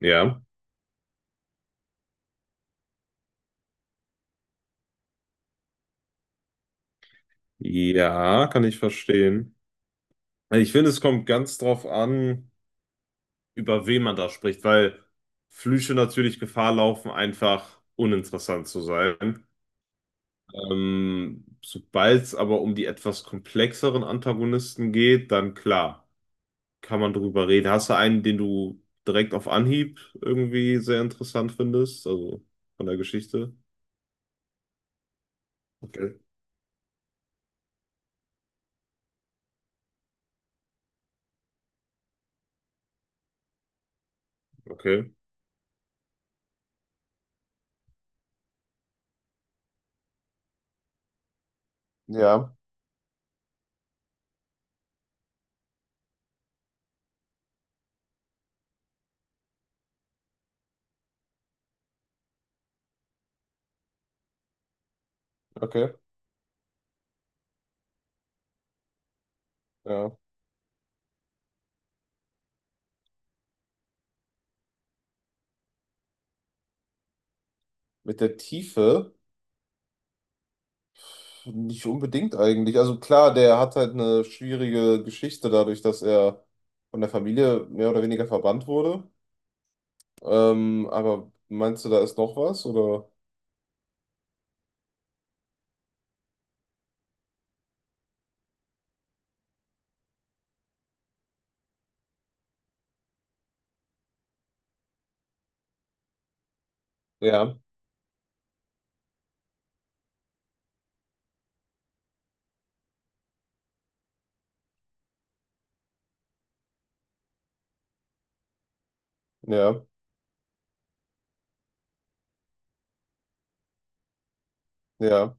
Ja, ja, kann ich verstehen. Also ich finde, es kommt ganz drauf an, über wen man da spricht, weil Flüche natürlich Gefahr laufen, einfach uninteressant zu sein. Sobald es aber um die etwas komplexeren Antagonisten geht, dann klar, kann man drüber reden. Hast du einen, den du direkt auf Anhieb irgendwie sehr interessant findest? Also von der Geschichte? Okay, okay. Ja, okay, ja. Mit der Tiefe. Nicht unbedingt eigentlich. Also klar, der hat halt eine schwierige Geschichte dadurch, dass er von der Familie mehr oder weniger verbannt wurde. Aber meinst du, da ist noch was? Oder? Ja, ja, ja.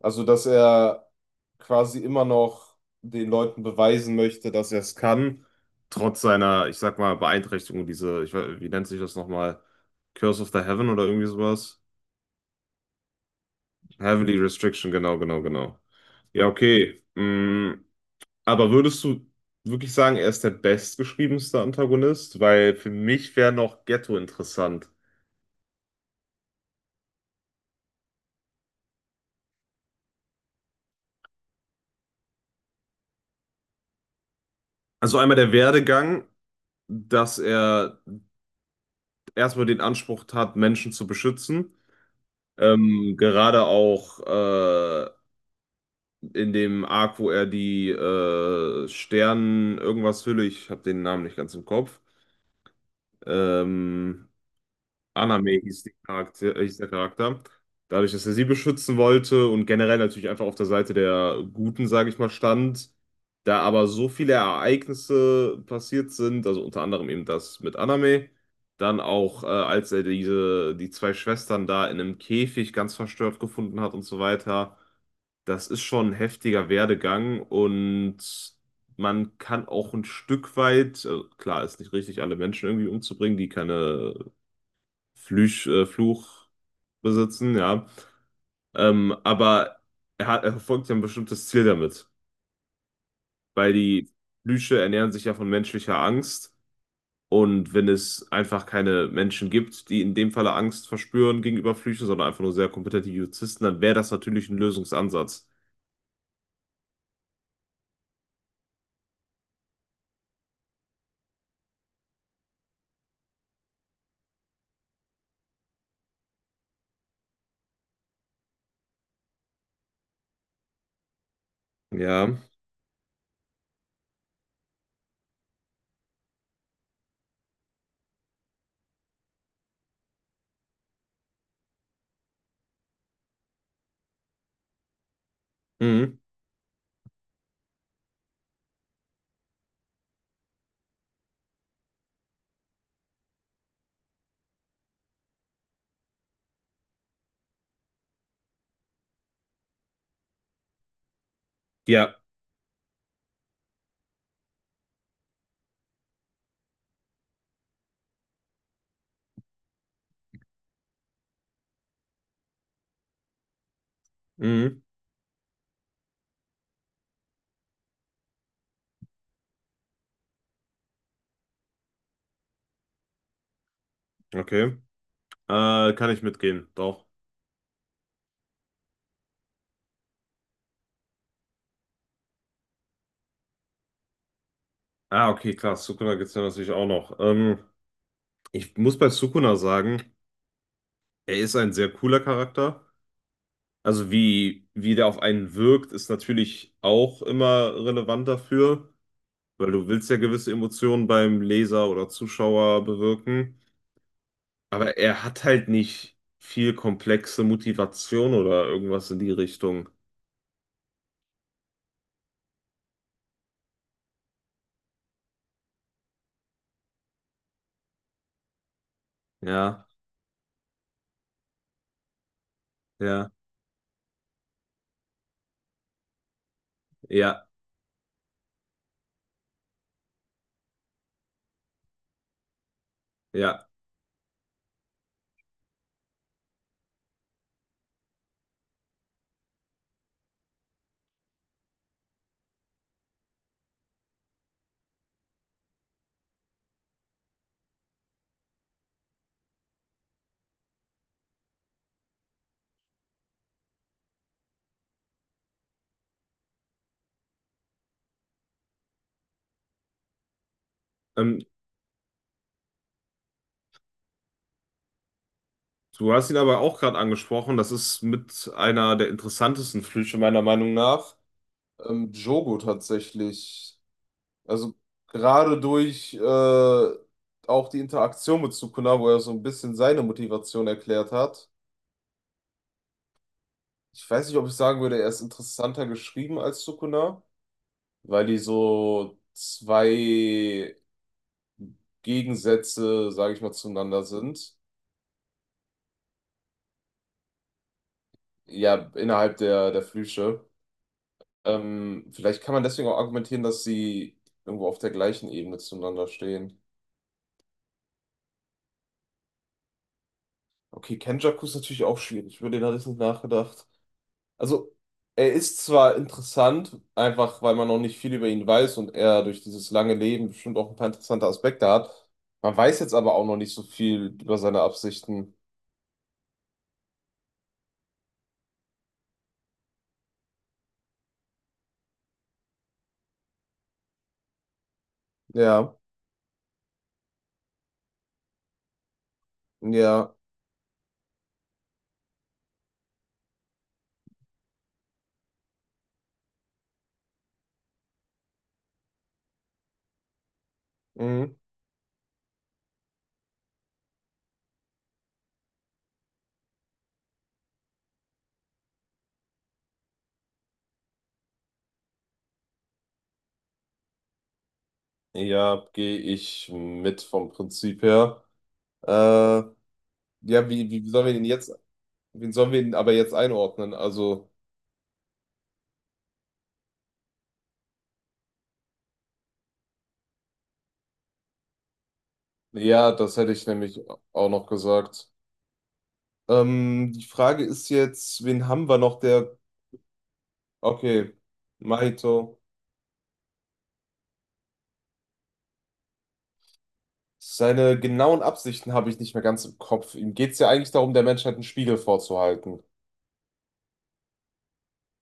Also, dass er quasi immer noch den Leuten beweisen möchte, dass er es kann, trotz seiner, ich sag mal, Beeinträchtigung, diese, ich, wie nennt sich das nochmal? Curse of the Heaven oder irgendwie sowas? Heavily Restriction, genau. Ja, okay. Mm, Aber würdest du wirklich sagen, er ist der bestgeschriebenste Antagonist? Weil für mich wäre noch Ghetto interessant. Also einmal der Werdegang, dass er erstmal den Anspruch hat, Menschen zu beschützen. Gerade auch in dem Arc, wo er die Stern irgendwas Hülle, ich habe den Namen nicht ganz im Kopf, ähm, Aname hieß, hieß der Charakter. Dadurch, dass er sie beschützen wollte und generell natürlich einfach auf der Seite der Guten, sage ich mal, stand, da aber so viele Ereignisse passiert sind, also unter anderem eben das mit Aname, dann auch, als er die zwei Schwestern da in einem Käfig ganz verstört gefunden hat und so weiter, das ist schon ein heftiger Werdegang, und man kann auch ein Stück weit, klar, ist nicht richtig, alle Menschen irgendwie umzubringen, die keine Fluch besitzen, ja. Aber er hat, er verfolgt ja ein bestimmtes Ziel damit, weil die Flüche ernähren sich ja von menschlicher Angst. Und wenn es einfach keine Menschen gibt, die in dem Falle Angst verspüren gegenüber Flüchen, sondern einfach nur sehr kompetente Juristen, dann wäre das natürlich ein Lösungsansatz. Ja. Mhm. Ja. Mhm. Okay. Kann ich mitgehen, doch. Ah, okay, klar. Sukuna gibt es ja natürlich auch noch. Ich muss bei Sukuna sagen, er ist ein sehr cooler Charakter. Also wie, wie der auf einen wirkt, ist natürlich auch immer relevant dafür, weil du willst ja gewisse Emotionen beim Leser oder Zuschauer bewirken. Aber er hat halt nicht viel komplexe Motivation oder irgendwas in die Richtung. Ja, ja, ja, ja. Ähm, du hast ihn aber auch gerade angesprochen. Das ist mit einer der interessantesten Flüche meiner Meinung nach. Jogo tatsächlich. Also gerade durch auch die Interaktion mit Sukuna, wo er so ein bisschen seine Motivation erklärt hat. Ich weiß nicht, ob ich sagen würde, er ist interessanter geschrieben als Sukuna, weil die so zwei Gegensätze, sage ich mal, zueinander sind. Ja, innerhalb der Flüche. Vielleicht kann man deswegen auch argumentieren, dass sie irgendwo auf der gleichen Ebene zueinander stehen. Okay, Kenjaku ist natürlich auch schwierig. Über den hatte ich nicht nachgedacht. Also, er ist zwar interessant, einfach weil man noch nicht viel über ihn weiß und er durch dieses lange Leben bestimmt auch ein paar interessante Aspekte hat. Man weiß jetzt aber auch noch nicht so viel über seine Absichten. Ja, ja, mhm. Ja, gehe ich mit vom Prinzip her. Äh, ja, wie sollen wir ihn jetzt, wen sollen wir ihn aber jetzt einordnen? Also, ja, das hätte ich nämlich auch noch gesagt. Die Frage ist jetzt, wen haben wir noch, der, okay, Mahito. Seine genauen Absichten habe ich nicht mehr ganz im Kopf. Ihm geht es ja eigentlich darum, der Menschheit einen Spiegel vorzuhalten.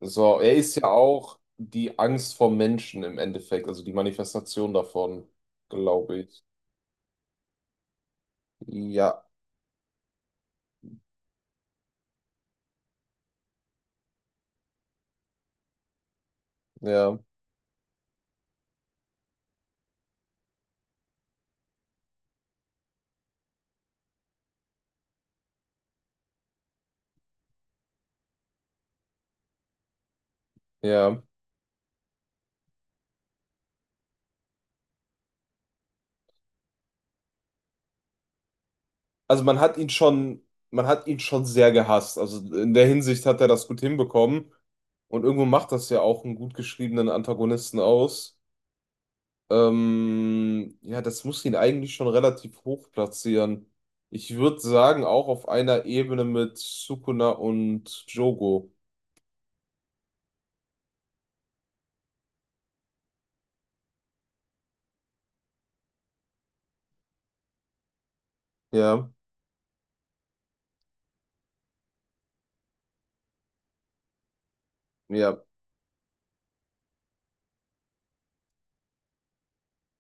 So, er ist ja auch die Angst vor Menschen im Endeffekt, also die Manifestation davon, glaube ich. Ja, ja, ja. Also man hat ihn schon, Man hat ihn schon sehr gehasst. Also in der Hinsicht hat er das gut hinbekommen. Und irgendwo macht das ja auch einen gut geschriebenen Antagonisten aus. Ja, das muss ihn eigentlich schon relativ hoch platzieren. Ich würde sagen, auch auf einer Ebene mit Sukuna und Jogo. Ja, ja,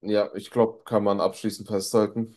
ja, ich glaube, kann man abschließend festhalten.